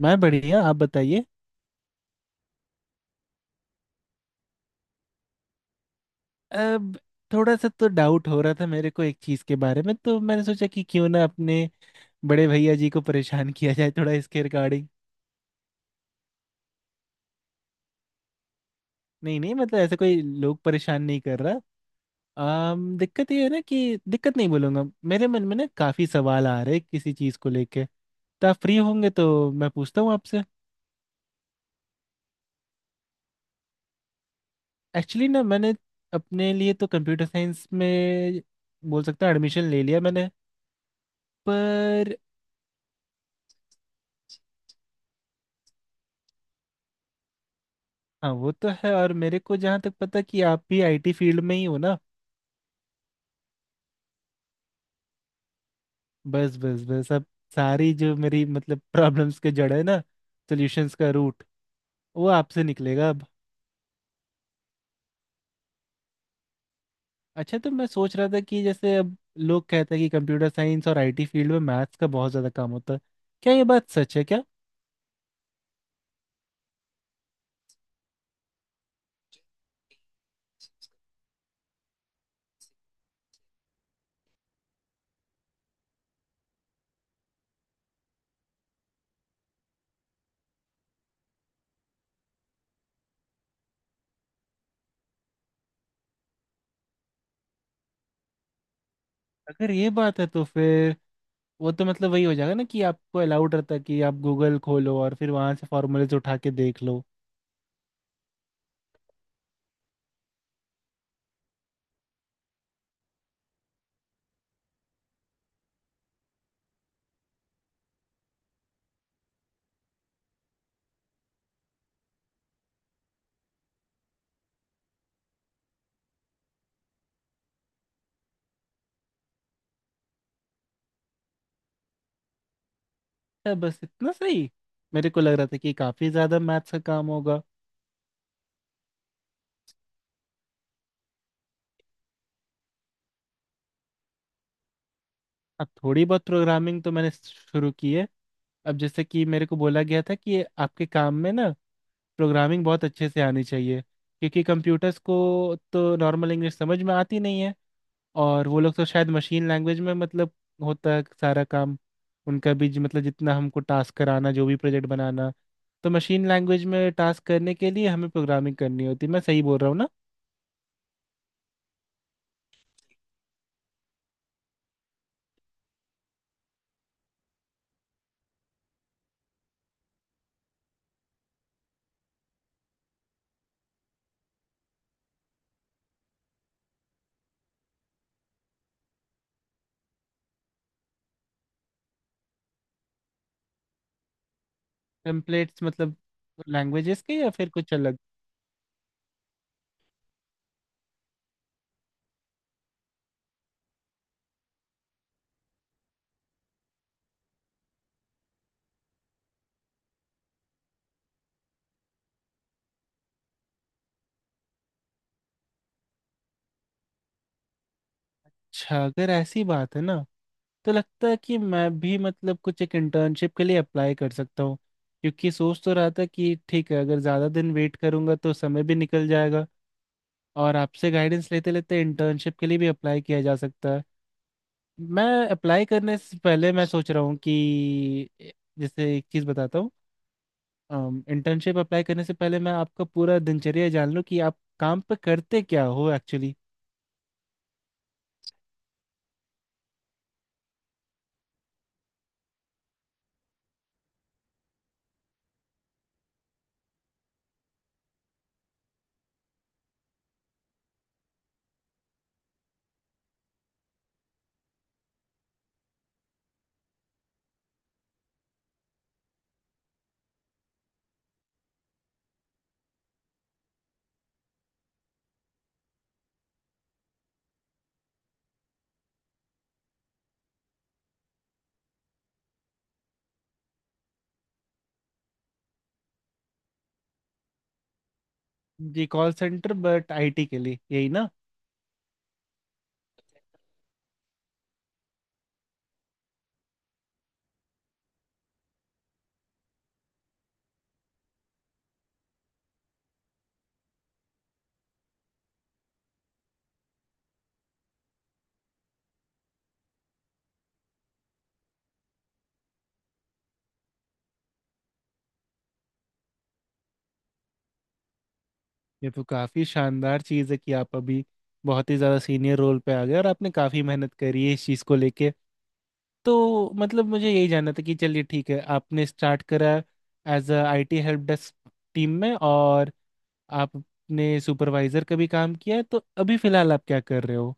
मैं बढ़िया। आप बताइए। अब थोड़ा सा तो डाउट हो रहा था मेरे को एक चीज के बारे में, तो मैंने सोचा कि क्यों ना अपने बड़े भैया जी को परेशान किया जाए थोड़ा इसके रिगार्डिंग। नहीं नहीं, ऐसा कोई लोग परेशान नहीं कर रहा। अम दिक्कत ये है ना कि दिक्कत नहीं बोलूंगा, मेरे मन में ना काफी सवाल आ रहे हैं किसी चीज को लेके। तो आप फ्री होंगे तो मैं पूछता हूँ आपसे। एक्चुअली ना मैंने अपने लिए तो कंप्यूटर साइंस में बोल सकता हूँ एडमिशन ले लिया मैंने। पर हाँ, वो तो है। और मेरे को जहाँ तक पता कि आप भी आईटी फील्ड में ही हो ना। बस बस बस अब सारी जो मेरी प्रॉब्लम्स के जड़ है ना, सॉल्यूशंस का रूट वो आपसे निकलेगा अब। अच्छा, तो मैं सोच रहा था कि जैसे अब लोग कहते हैं कि कंप्यूटर साइंस और आईटी फील्ड में मैथ्स का बहुत ज़्यादा काम होता है। क्या ये बात सच है क्या? अगर ये बात है तो फिर वो तो वही हो जाएगा ना कि आपको अलाउड रहता है कि आप गूगल खोलो और फिर वहाँ से फॉर्मूलेज उठा के देख लो। क्या बस इतना सही? मेरे को लग रहा था कि काफ़ी ज़्यादा मैथ्स का काम होगा। अब थोड़ी बहुत प्रोग्रामिंग तो मैंने शुरू की है। अब जैसे कि मेरे को बोला गया था कि ये आपके काम में ना प्रोग्रामिंग बहुत अच्छे से आनी चाहिए, क्योंकि कंप्यूटर्स को तो नॉर्मल इंग्लिश समझ में आती नहीं है। और वो लोग तो शायद मशीन लैंग्वेज में होता है सारा काम उनका भी जो- मतलब जितना हमको टास्क कराना, जो भी प्रोजेक्ट बनाना, तो मशीन लैंग्वेज में टास्क करने के लिए हमें प्रोग्रामिंग करनी होती है। मैं सही बोल रहा हूँ ना? टेम्पलेट्स मतलब लैंग्वेजेस के या फिर कुछ अलग? अच्छा, अगर ऐसी बात है ना तो लगता है कि मैं भी कुछ एक इंटर्नशिप के लिए अप्लाई कर सकता हूँ, क्योंकि सोच तो रहा था कि ठीक है, अगर ज़्यादा दिन वेट करूंगा तो समय भी निकल जाएगा। और आपसे गाइडेंस लेते लेते इंटर्नशिप के लिए भी अप्लाई किया जा सकता है। मैं अप्लाई करने से पहले मैं सोच रहा हूँ कि जैसे एक चीज़ बताता हूँ। इंटर्नशिप अप्लाई करने से पहले मैं आपका पूरा दिनचर्या जान लूँ कि आप काम पे करते क्या हो एक्चुअली। जी, कॉल सेंटर बट आईटी के लिए, यही ना? ये तो काफी शानदार चीज है कि आप अभी बहुत ही ज्यादा सीनियर रोल पे आ गए और आपने काफी मेहनत करी है इस चीज को लेके। तो मुझे यही जानना था कि चलिए ठीक है, आपने स्टार्ट करा as a IT help desk team में, और आपने सुपरवाइजर का भी काम किया है, तो अभी फिलहाल आप क्या कर रहे हो?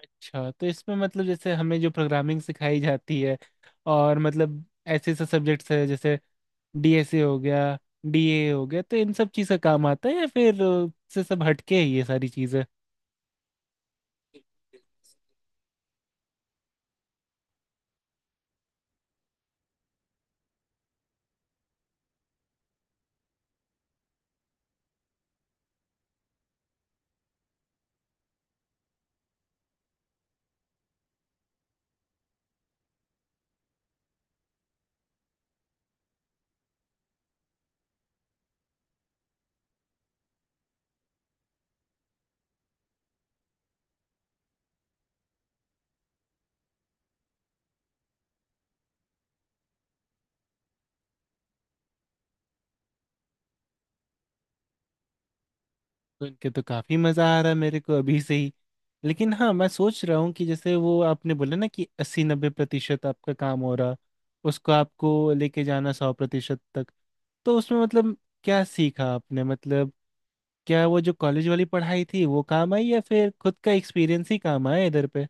अच्छा, तो इसमें जैसे हमें जो प्रोग्रामिंग सिखाई जाती है और ऐसे ऐसे सब्जेक्ट्स है, जैसे डीएसए हो गया, डीए हो गया, तो इन सब चीज का काम आता है या फिर से सब हटके है ये सारी चीजें? सुन के तो काफी मजा आ रहा है मेरे को अभी से ही। लेकिन हाँ, मैं सोच रहा हूँ कि जैसे वो आपने बोला ना कि अस्सी नब्बे प्रतिशत आपका काम हो रहा, उसको आपको लेके जाना सौ प्रतिशत तक, तो उसमें क्या सीखा आपने? क्या वो जो कॉलेज वाली पढ़ाई थी वो काम आई, या फिर खुद का एक्सपीरियंस ही काम आया इधर पे?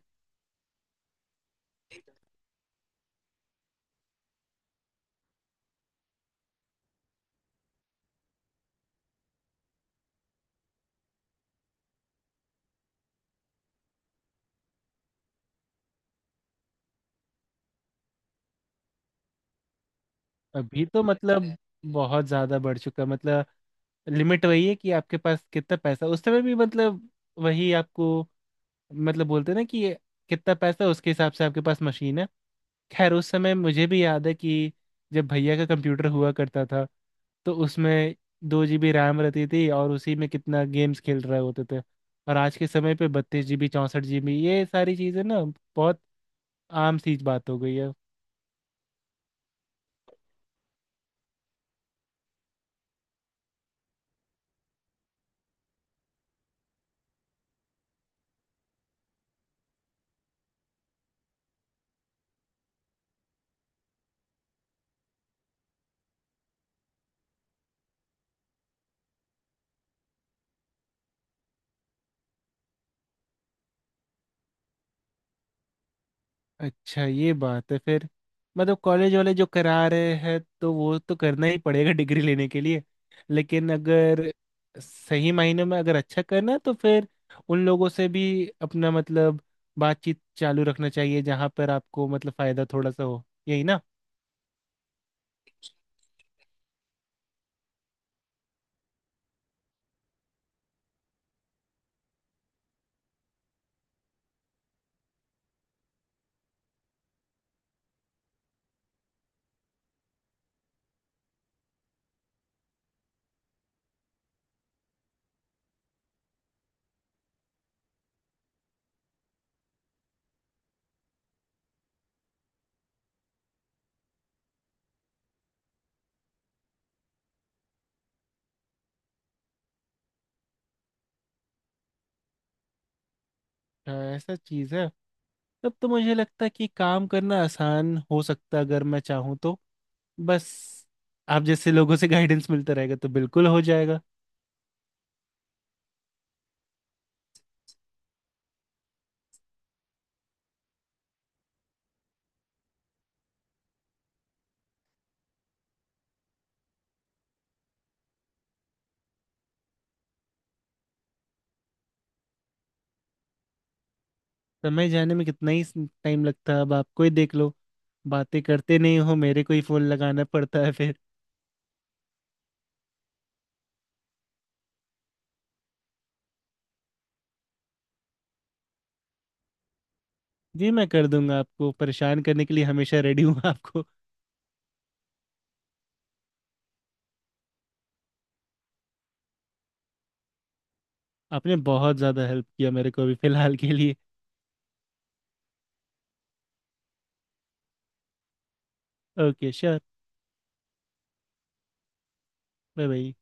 अभी तो बहुत ज्यादा बढ़ चुका। लिमिट वही है कि आपके पास कितना पैसा उस समय भी। वही आपको, बोलते हैं ना कि कितना पैसा है, उसके हिसाब से आपके पास मशीन है। खैर, उस समय मुझे भी याद है कि जब भैया का कंप्यूटर हुआ करता था तो उसमें 2 जीबी रैम रहती थी, और उसी में कितना गेम्स खेल रहे होते थे। और आज के समय पे 32 जीबी, 64 जीबी, ये सारी चीज़ें ना बहुत आम सी बात हो गई है। अच्छा, ये बात है फिर। कॉलेज वाले जो करा रहे हैं तो वो तो करना ही पड़ेगा डिग्री लेने के लिए, लेकिन अगर सही मायने में अगर अच्छा करना है तो फिर उन लोगों से भी अपना बातचीत चालू रखना चाहिए जहाँ पर आपको फ़ायदा थोड़ा सा हो, यही ना? हाँ, ऐसा चीज़ है। तब तो मुझे लगता है कि काम करना आसान हो सकता अगर मैं चाहूँ तो। बस आप जैसे लोगों से गाइडेंस मिलता रहेगा तो बिल्कुल हो जाएगा। समय जाने में कितना ही टाइम लगता है, अब आपको ही देख लो। बातें करते नहीं हो, मेरे को ही फोन लगाना पड़ता है फिर। जी, मैं कर दूंगा। आपको परेशान करने के लिए हमेशा रेडी हूँ आपको। आपने बहुत ज़्यादा हेल्प किया मेरे को अभी फिलहाल के लिए। Okay, sure. Bye bye.